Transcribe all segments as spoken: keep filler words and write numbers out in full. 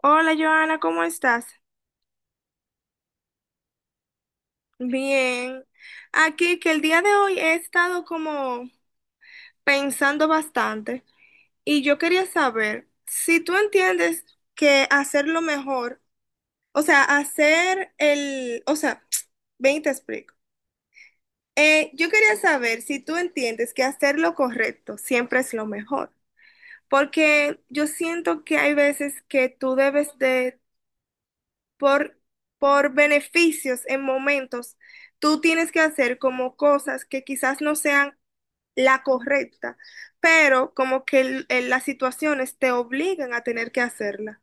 Hola Joana, ¿cómo estás? Bien. Aquí que el día de hoy he estado como pensando bastante y yo quería saber si tú entiendes que hacer lo mejor, o sea, hacer el, o sea, ven y te explico. Eh, yo quería saber si tú entiendes que hacer lo correcto siempre es lo mejor, porque yo siento que hay veces que tú debes de por, por beneficios en momentos, tú tienes que hacer como cosas que quizás no sean la correcta, pero como que el- el- las situaciones te obligan a tener que hacerla.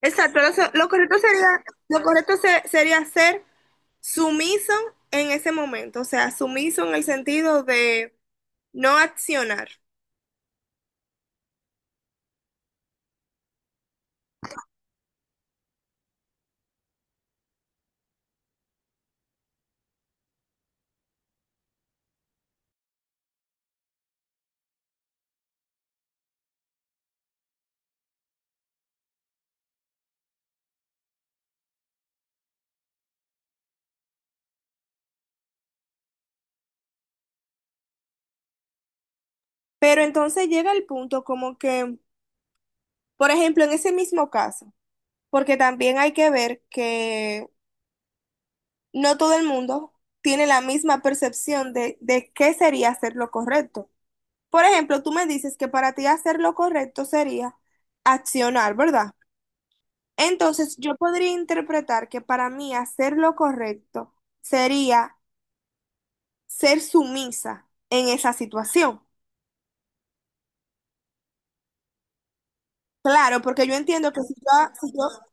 Exacto, lo, so- lo correcto sería, lo correcto se- sería ser sumiso en ese momento, o sea, sumiso en el sentido de no accionar. Pero entonces llega el punto como que, por ejemplo, en ese mismo caso, porque también hay que ver que no todo el mundo tiene la misma percepción de, de qué sería hacer lo correcto. Por ejemplo, tú me dices que para ti hacer lo correcto sería accionar, ¿verdad? Entonces, yo podría interpretar que para mí hacer lo correcto sería ser sumisa en esa situación. Claro, porque yo entiendo que si yo, si yo-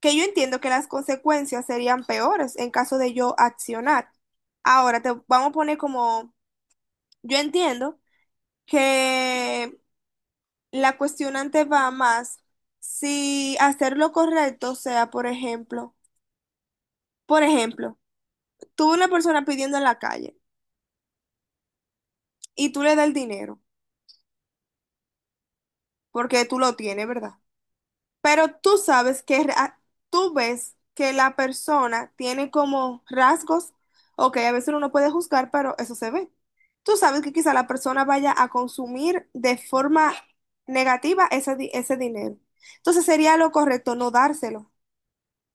que yo entiendo que las consecuencias serían peores en caso de yo accionar. Ahora te vamos a poner como, yo entiendo que la cuestionante va más si hacer lo correcto, sea, por ejemplo, por ejemplo, tú una persona pidiendo en la calle y tú le das el dinero, porque tú lo tienes, ¿verdad? Pero tú sabes que ra- tú ves que la persona tiene como rasgos, ok, a veces uno no puede juzgar, pero eso se ve. Tú sabes que quizá la persona vaya a consumir de forma negativa ese, di- ese dinero. Entonces sería lo correcto no dárselo,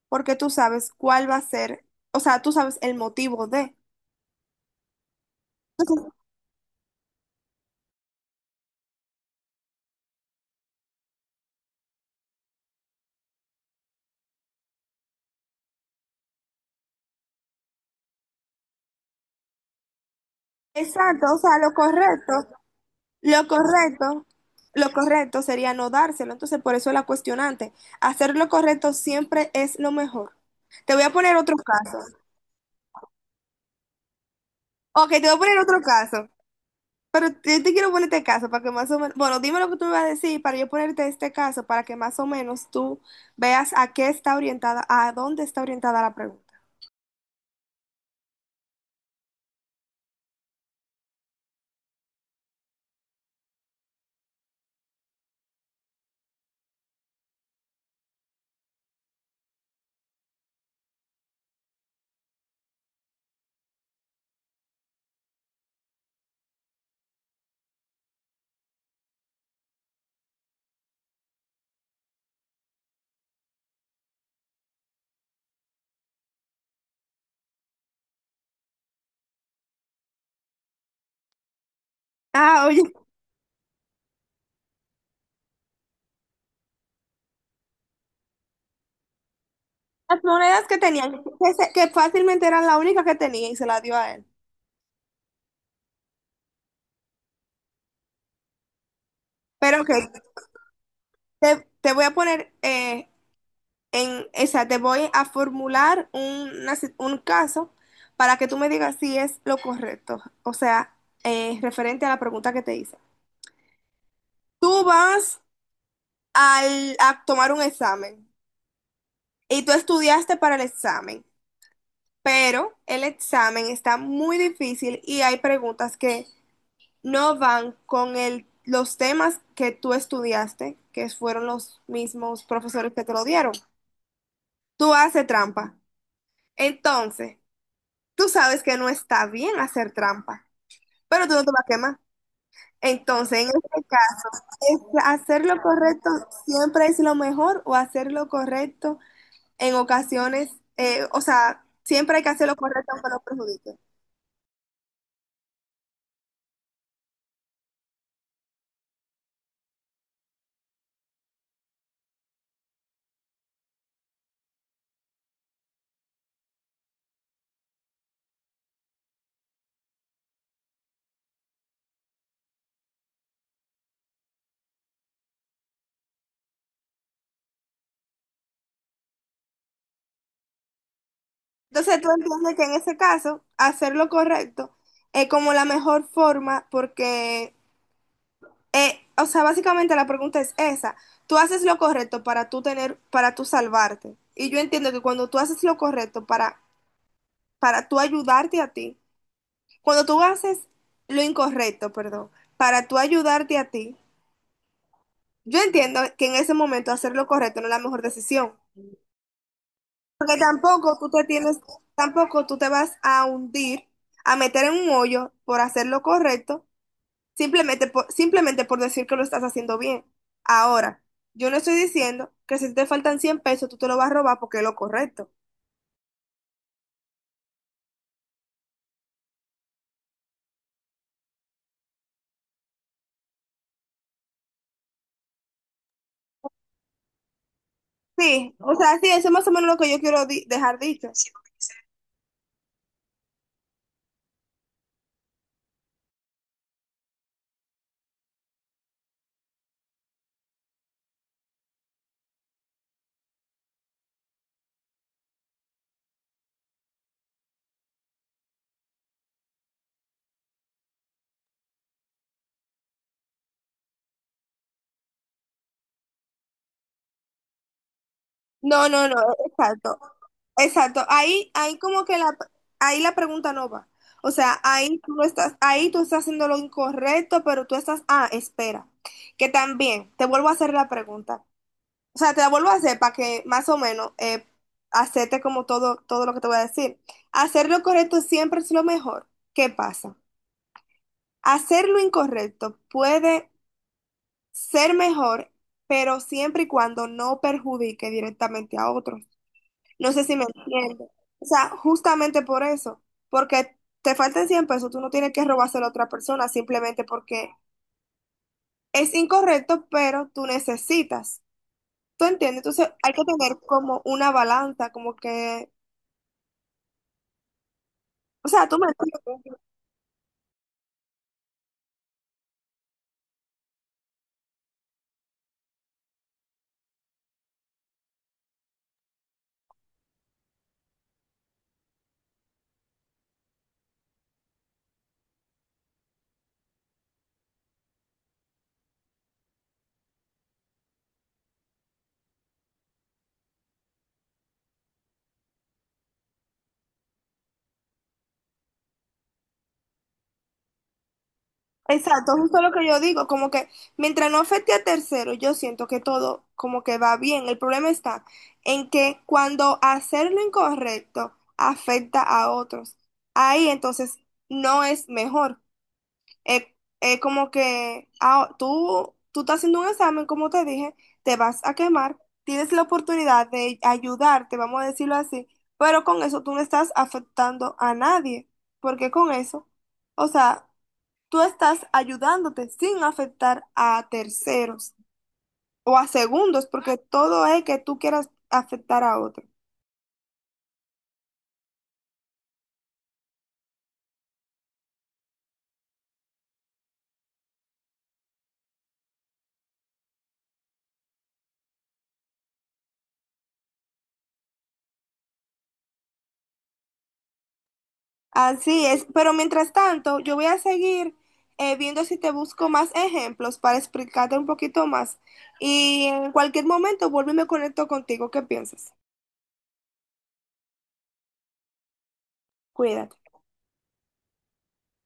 porque tú sabes cuál va a ser, o sea, tú sabes el motivo de. Entonces, exacto, o sea, lo correcto, lo correcto, lo correcto sería no dárselo, entonces por eso la cuestionante. Hacer lo correcto siempre es lo mejor. Te voy a poner otro caso. Ok, te voy a poner otro caso, pero yo te quiero poner este caso para que más o menos, bueno, dime lo que tú me vas a decir para yo ponerte este caso, para que más o menos tú veas a qué está orientada, a dónde está orientada la pregunta. Ah, oye. Las monedas que tenían, que, se- que fácilmente eran la única que tenía y se la dio a él. Pero ok, te, te voy a poner eh, en, o sea, te voy a formular una si- un caso para que tú me digas si es lo correcto. O sea, eh, referente a la pregunta que te hice. Tú vas al- a tomar un examen y tú estudiaste para el examen, pero el examen está muy difícil y hay preguntas que no van con el, los temas que tú estudiaste, que fueron los mismos profesores que te lo dieron. Tú haces trampa. Entonces, tú sabes que no está bien hacer trampa, pero tú no te vas a quemar. Entonces, en este caso, ¿es hacer lo correcto siempre es lo mejor o hacer lo correcto en ocasiones, eh, o sea, siempre hay que hacer lo correcto aunque lo perjudique? Entonces, ¿tú entiendes que en ese caso, hacer lo correcto es como la mejor forma porque Eh, o sea, básicamente la pregunta es esa? Tú haces lo correcto para tú tener, para tú salvarte. Y yo entiendo que cuando tú haces lo correcto para, para tú ayudarte a ti, cuando tú haces lo incorrecto, perdón, para tú ayudarte a ti, yo entiendo que en ese momento hacer lo correcto no es la mejor decisión. Porque tampoco tú te tienes, tampoco tú te vas a hundir, a meter en un hoyo por hacer lo correcto simplemente por, simplemente por decir que lo estás haciendo bien. Ahora, yo no estoy diciendo que si te faltan cien pesos, tú te lo vas a robar porque es lo correcto. Sí, o sea, sí, eso es más o menos lo que yo quiero di- dejar dicho. No, no, no, exacto. Exacto. Ahí, ahí como que la, ahí la pregunta no va. O sea, ahí tú no estás, ahí tú estás haciendo lo incorrecto, pero tú estás, ah, espera, que también, te vuelvo a hacer la pregunta. O sea, te la vuelvo a hacer para que más o menos eh, hacerte como todo, todo lo que te voy a decir. Hacer lo correcto siempre es lo mejor. ¿Qué pasa? Hacer lo incorrecto puede ser mejor, pero siempre y cuando no perjudique directamente a otros. No sé si me entiendes. O sea, justamente por eso, porque te faltan cien pesos, tú no tienes que robárselo a otra persona simplemente porque es incorrecto, pero tú necesitas. ¿Tú entiendes? Entonces hay que tener como una balanza, como que o sea, tú me entiendes. Exacto, justo lo que yo digo, como que mientras no afecte a terceros, yo siento que todo como que va bien. El problema está en que cuando hacer lo incorrecto afecta a otros, ahí entonces no es mejor. Es, es como que ah, tú, tú estás haciendo un examen, como te dije, te vas a quemar, tienes la oportunidad de ayudarte, vamos a decirlo así, pero con eso tú no estás afectando a nadie, porque con eso, o sea, tú estás ayudándote sin afectar a terceros o a segundos, porque todo es que tú quieras afectar a otro. Así es, pero mientras tanto, yo voy a seguir eh, viendo si te busco más ejemplos para explicarte un poquito más. Y en cualquier momento vuelvo y me conecto contigo. ¿Qué piensas? Cuídate.